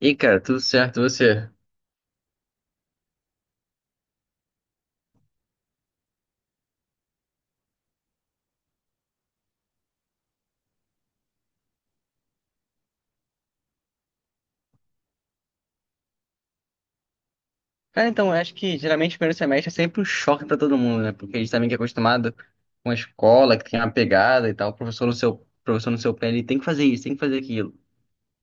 E cara, tudo certo, e você? Cara, então, eu acho que geralmente o primeiro semestre é sempre um choque pra todo mundo, né? Porque a gente também que é acostumado com a escola, que tem uma pegada e tal, o professor no seu pé, ele tem que fazer isso, tem que fazer aquilo.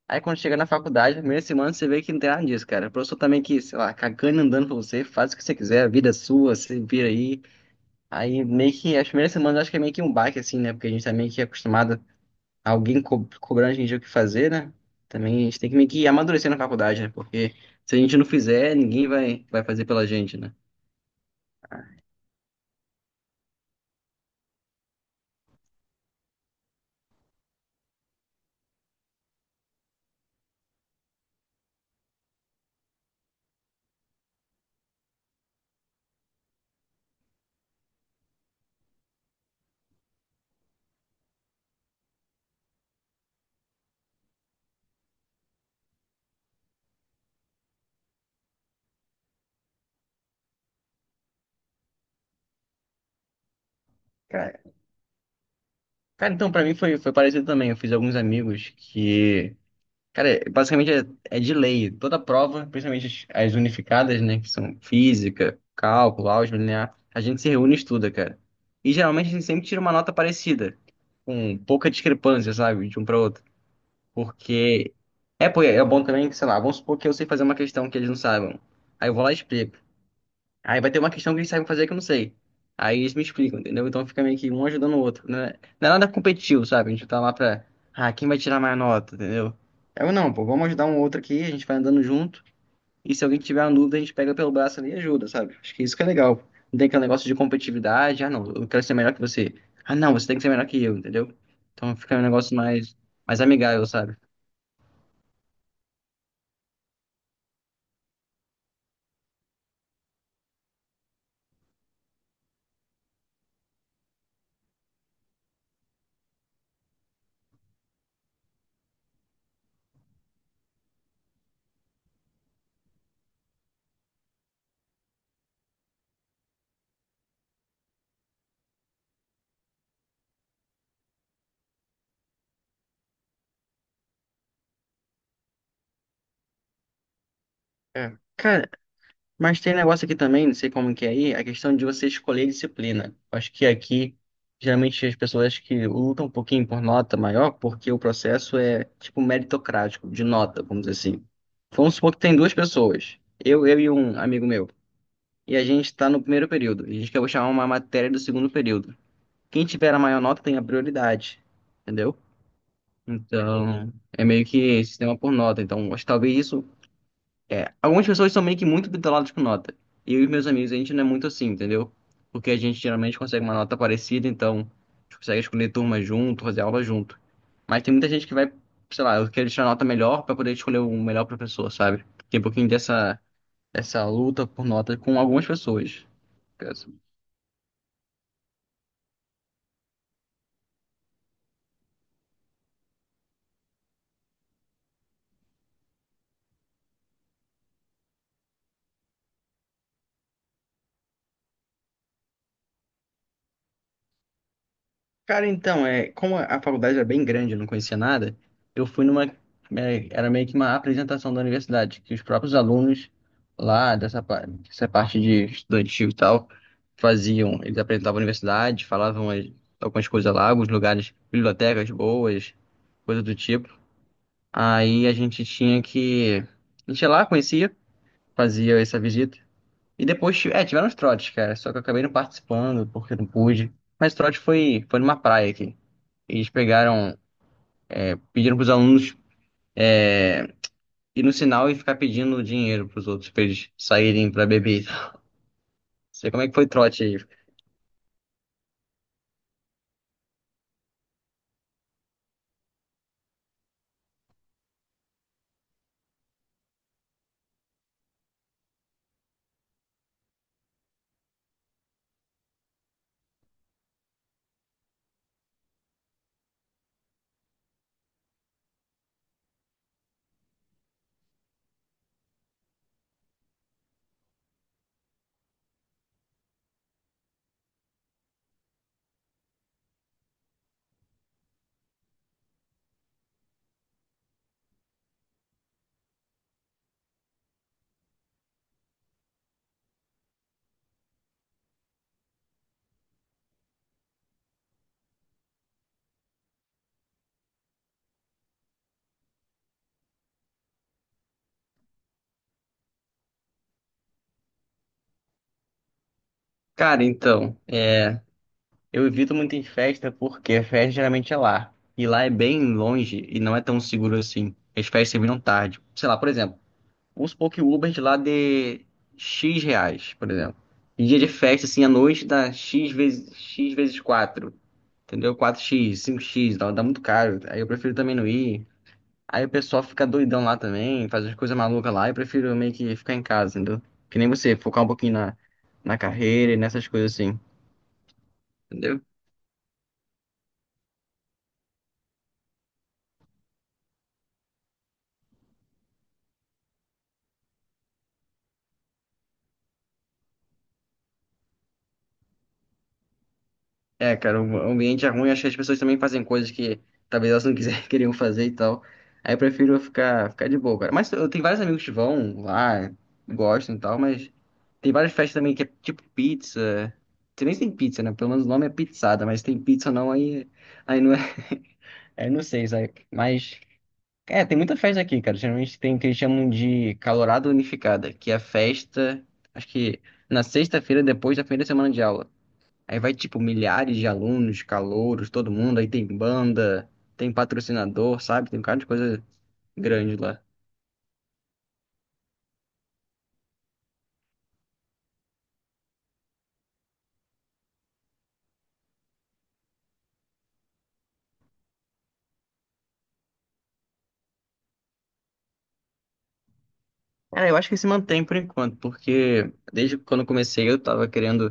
Aí quando chega na faculdade, na primeira semana, você vê que não tem nada disso, cara. O professor também que, sei lá, cagando e andando pra você, faz o que você quiser, a vida é sua, você vira aí. Aí meio que as primeiras semanas eu acho que é meio que um baque, assim, né? Porque a gente tá meio que acostumado alguém co cobrando a gente o que fazer, né? Também a gente tem que meio que amadurecer na faculdade, né? Porque se a gente não fizer, ninguém vai fazer pela gente, né? Cara, cara, então, pra mim foi parecido também. Eu fiz alguns amigos que, cara, basicamente é de lei. Toda prova, principalmente as unificadas, né? Que são física, cálculo, álgebra linear, a gente se reúne e estuda, cara. E geralmente a gente sempre tira uma nota parecida, com pouca discrepância, sabe? De um para outro. Porque pô, é bom também que, sei lá, vamos supor que eu sei fazer uma questão que eles não saibam. Aí eu vou lá e explico. Aí vai ter uma questão que eles sabem fazer que eu não sei. Aí eles me explicam, entendeu? Então fica meio que um ajudando o outro. Né? Não é nada competitivo, sabe? A gente tá lá pra. Ah, quem vai tirar mais nota, entendeu? Eu não, pô, vamos ajudar um outro aqui, a gente vai andando junto. E se alguém tiver uma dúvida, a gente pega pelo braço ali e ajuda, sabe? Acho que isso que é legal. Não tem aquele negócio de competitividade. Ah, não, eu quero ser melhor que você. Ah, não, você tem que ser melhor que eu, entendeu? Então fica um negócio mais amigável, sabe? É. Cara, mas tem negócio aqui também, não sei como que é aí, a questão de você escolher disciplina. Acho que aqui, geralmente, as pessoas que lutam um pouquinho por nota maior, porque o processo é, tipo, meritocrático, de nota, vamos dizer assim. Vamos supor que tem duas pessoas, eu e um amigo meu, e a gente está no primeiro período, e a gente quer chamar uma matéria do segundo período. Quem tiver a maior nota tem a prioridade, entendeu? Então, é meio que sistema por nota. Então, acho que talvez isso. Algumas pessoas são meio que muito bitoladas com nota. E eu e meus amigos, a gente não é muito assim, entendeu? Porque a gente geralmente consegue uma nota parecida, então a gente consegue escolher turma junto, fazer aula junto. Mas tem muita gente que vai, sei lá, eu quero tirar nota melhor para poder escolher o melhor professor, sabe? Tem um pouquinho dessa luta por nota com algumas pessoas. Cara, então, é, como a faculdade era bem grande, eu não conhecia nada, eu fui numa. É, era meio que uma apresentação da universidade, que os próprios alunos lá, dessa parte de estudantil e tal, faziam. Eles apresentavam a universidade, algumas coisas lá, alguns lugares, bibliotecas boas, coisa do tipo. Aí a gente tinha que. A gente ia lá, conhecia, fazia essa visita. E depois, é, tiveram os trotes, cara, só que eu acabei não participando, porque não pude. Mas trote foi numa praia aqui. Eles pegaram, pediram pros alunos é, ir no sinal e ficar pedindo dinheiro pros outros pra eles saírem pra beber. Não sei como é que foi o trote aí. Cara, então, é, eu evito muito em festa porque a festa geralmente é lá. E lá é bem longe e não é tão seguro assim. As festas terminam tarde. Sei lá, por exemplo, vamos supor que o Uber de lá dê X reais, por exemplo. E dia de festa, assim, à noite dá X vezes 4, entendeu? Quatro x cinco x dá muito caro. Aí eu prefiro também não ir. Aí o pessoal fica doidão lá também, faz as coisas malucas lá. Eu prefiro meio que ficar em casa, entendeu? Que nem você, focar um pouquinho na carreira e nessas coisas assim, entendeu? É, cara, o ambiente é ruim, acho que as pessoas também fazem coisas que talvez elas não quiserem, queriam fazer e tal. Aí eu prefiro ficar de boa, cara. Mas eu tenho vários amigos que vão lá, gostam e tal, mas tem várias festas também que é tipo pizza. Você nem tem pizza, né? Pelo menos o nome é pizzada, mas tem pizza ou não, aí não é. Aí não sei, sabe? Mas. É, tem muita festa aqui, cara. Geralmente tem o que eles chamam de calorada unificada, que é a festa, acho que na sexta-feira depois da primeira semana de aula. Aí vai, tipo, milhares de alunos, calouros, todo mundo. Aí tem banda, tem patrocinador, sabe? Tem um cara de coisa grande lá. Cara, eu acho que se mantém por enquanto, porque desde quando eu comecei eu tava querendo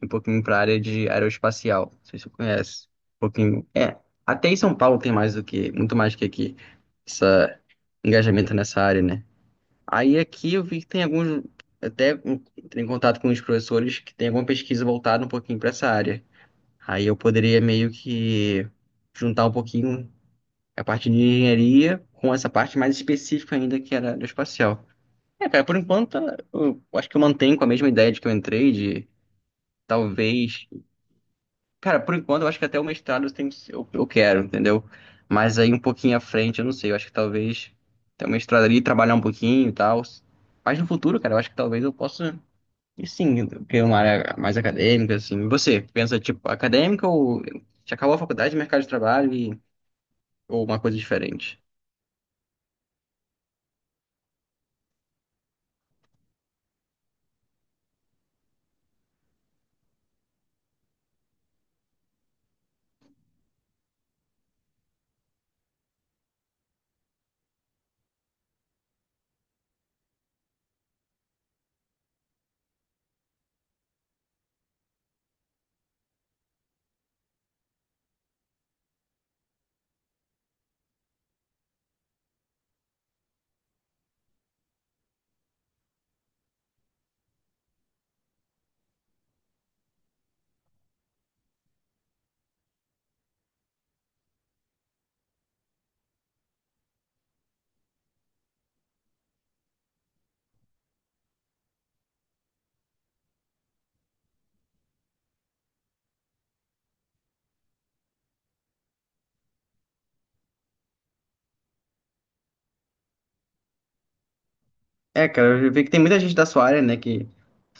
ir um pouquinho pra área de aeroespacial. Não sei se você conhece. Um pouquinho. É, até em São Paulo tem muito mais do que aqui, esse engajamento nessa área, né? Aí aqui eu vi que tem alguns, até entrei em contato com os professores que tem alguma pesquisa voltada um pouquinho para essa área. Aí eu poderia meio que juntar um pouquinho a parte de engenharia com essa parte mais específica ainda que era aeroespacial. É, cara, por enquanto eu acho que eu mantenho com a mesma ideia de que eu entrei, de talvez. Cara, por enquanto eu acho que até o mestrado eu quero, entendeu? Mas aí um pouquinho à frente, eu não sei, eu acho que talvez ter o mestrado ali, trabalhar um pouquinho e tal. Mas no futuro, cara, eu acho que talvez eu possa, e sim, ter uma área mais acadêmica, assim. E você, pensa, tipo, acadêmica ou já acabou a faculdade, mercado de trabalho ou uma coisa diferente? É, cara, eu vi que tem muita gente da sua área, né, que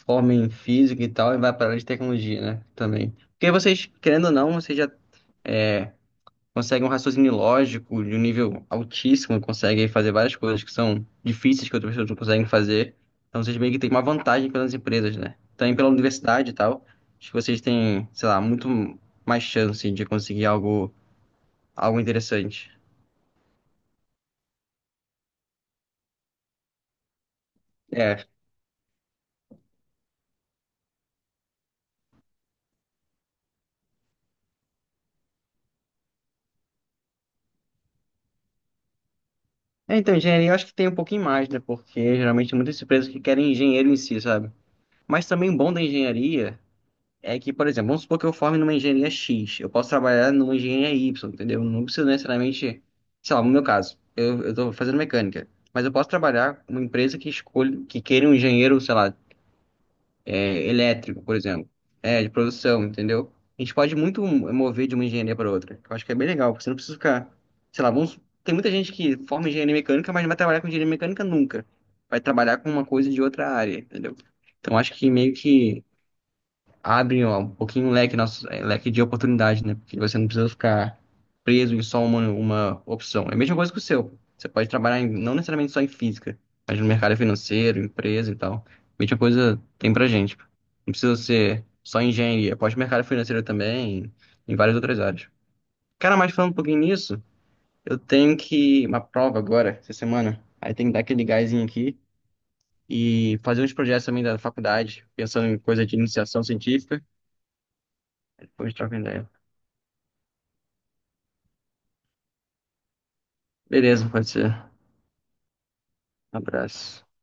forma em física e tal e vai para a área de tecnologia, né, também. Porque vocês, querendo ou não, vocês já consegue um raciocínio lógico de um nível altíssimo, consegue fazer várias coisas que são difíceis que outras pessoas não conseguem fazer. Então vocês meio que têm uma vantagem pelas empresas, né? Também pela universidade e tal. Acho que vocês têm, sei lá, muito mais chance de conseguir algo, algo interessante. É. É, então, engenharia eu acho que tem um pouquinho mais, né? Porque geralmente tem muitas empresas que querem engenheiro em si, sabe? Mas também o bom da engenharia. É que, por exemplo, vamos supor que eu forme numa engenharia X, eu posso trabalhar numa engenharia Y, entendeu? Não preciso necessariamente, sei lá, no meu caso, eu tô fazendo mecânica, mas eu posso trabalhar com uma empresa que escolhe que queira um engenheiro, sei lá, é, elétrico, por exemplo, é, de produção, entendeu? A gente pode muito mover de uma engenharia para outra, que eu acho que é bem legal, porque você não precisa ficar, sei lá, vamos, tem muita gente que forma engenharia mecânica, mas não vai trabalhar com engenharia mecânica nunca, vai trabalhar com uma coisa de outra área, entendeu? Então acho que meio que abre ó, um pouquinho o leque, nosso, leque de oportunidade, né? Porque você não precisa ficar preso em só uma opção. É a mesma coisa que o seu. Você pode trabalhar não necessariamente só em física, mas no mercado financeiro, empresa e tal. Mesma coisa tem pra gente. Não precisa ser só engenharia, pode mercado financeiro também, em várias outras áreas. Cara, mas falando um pouquinho nisso, eu tenho que uma prova agora, essa semana. Aí tem que dar aquele gásinho aqui e fazer uns projetos também da faculdade, pensando em coisa de iniciação científica. Depois troca ideia. Beleza, pode ser. Abraço.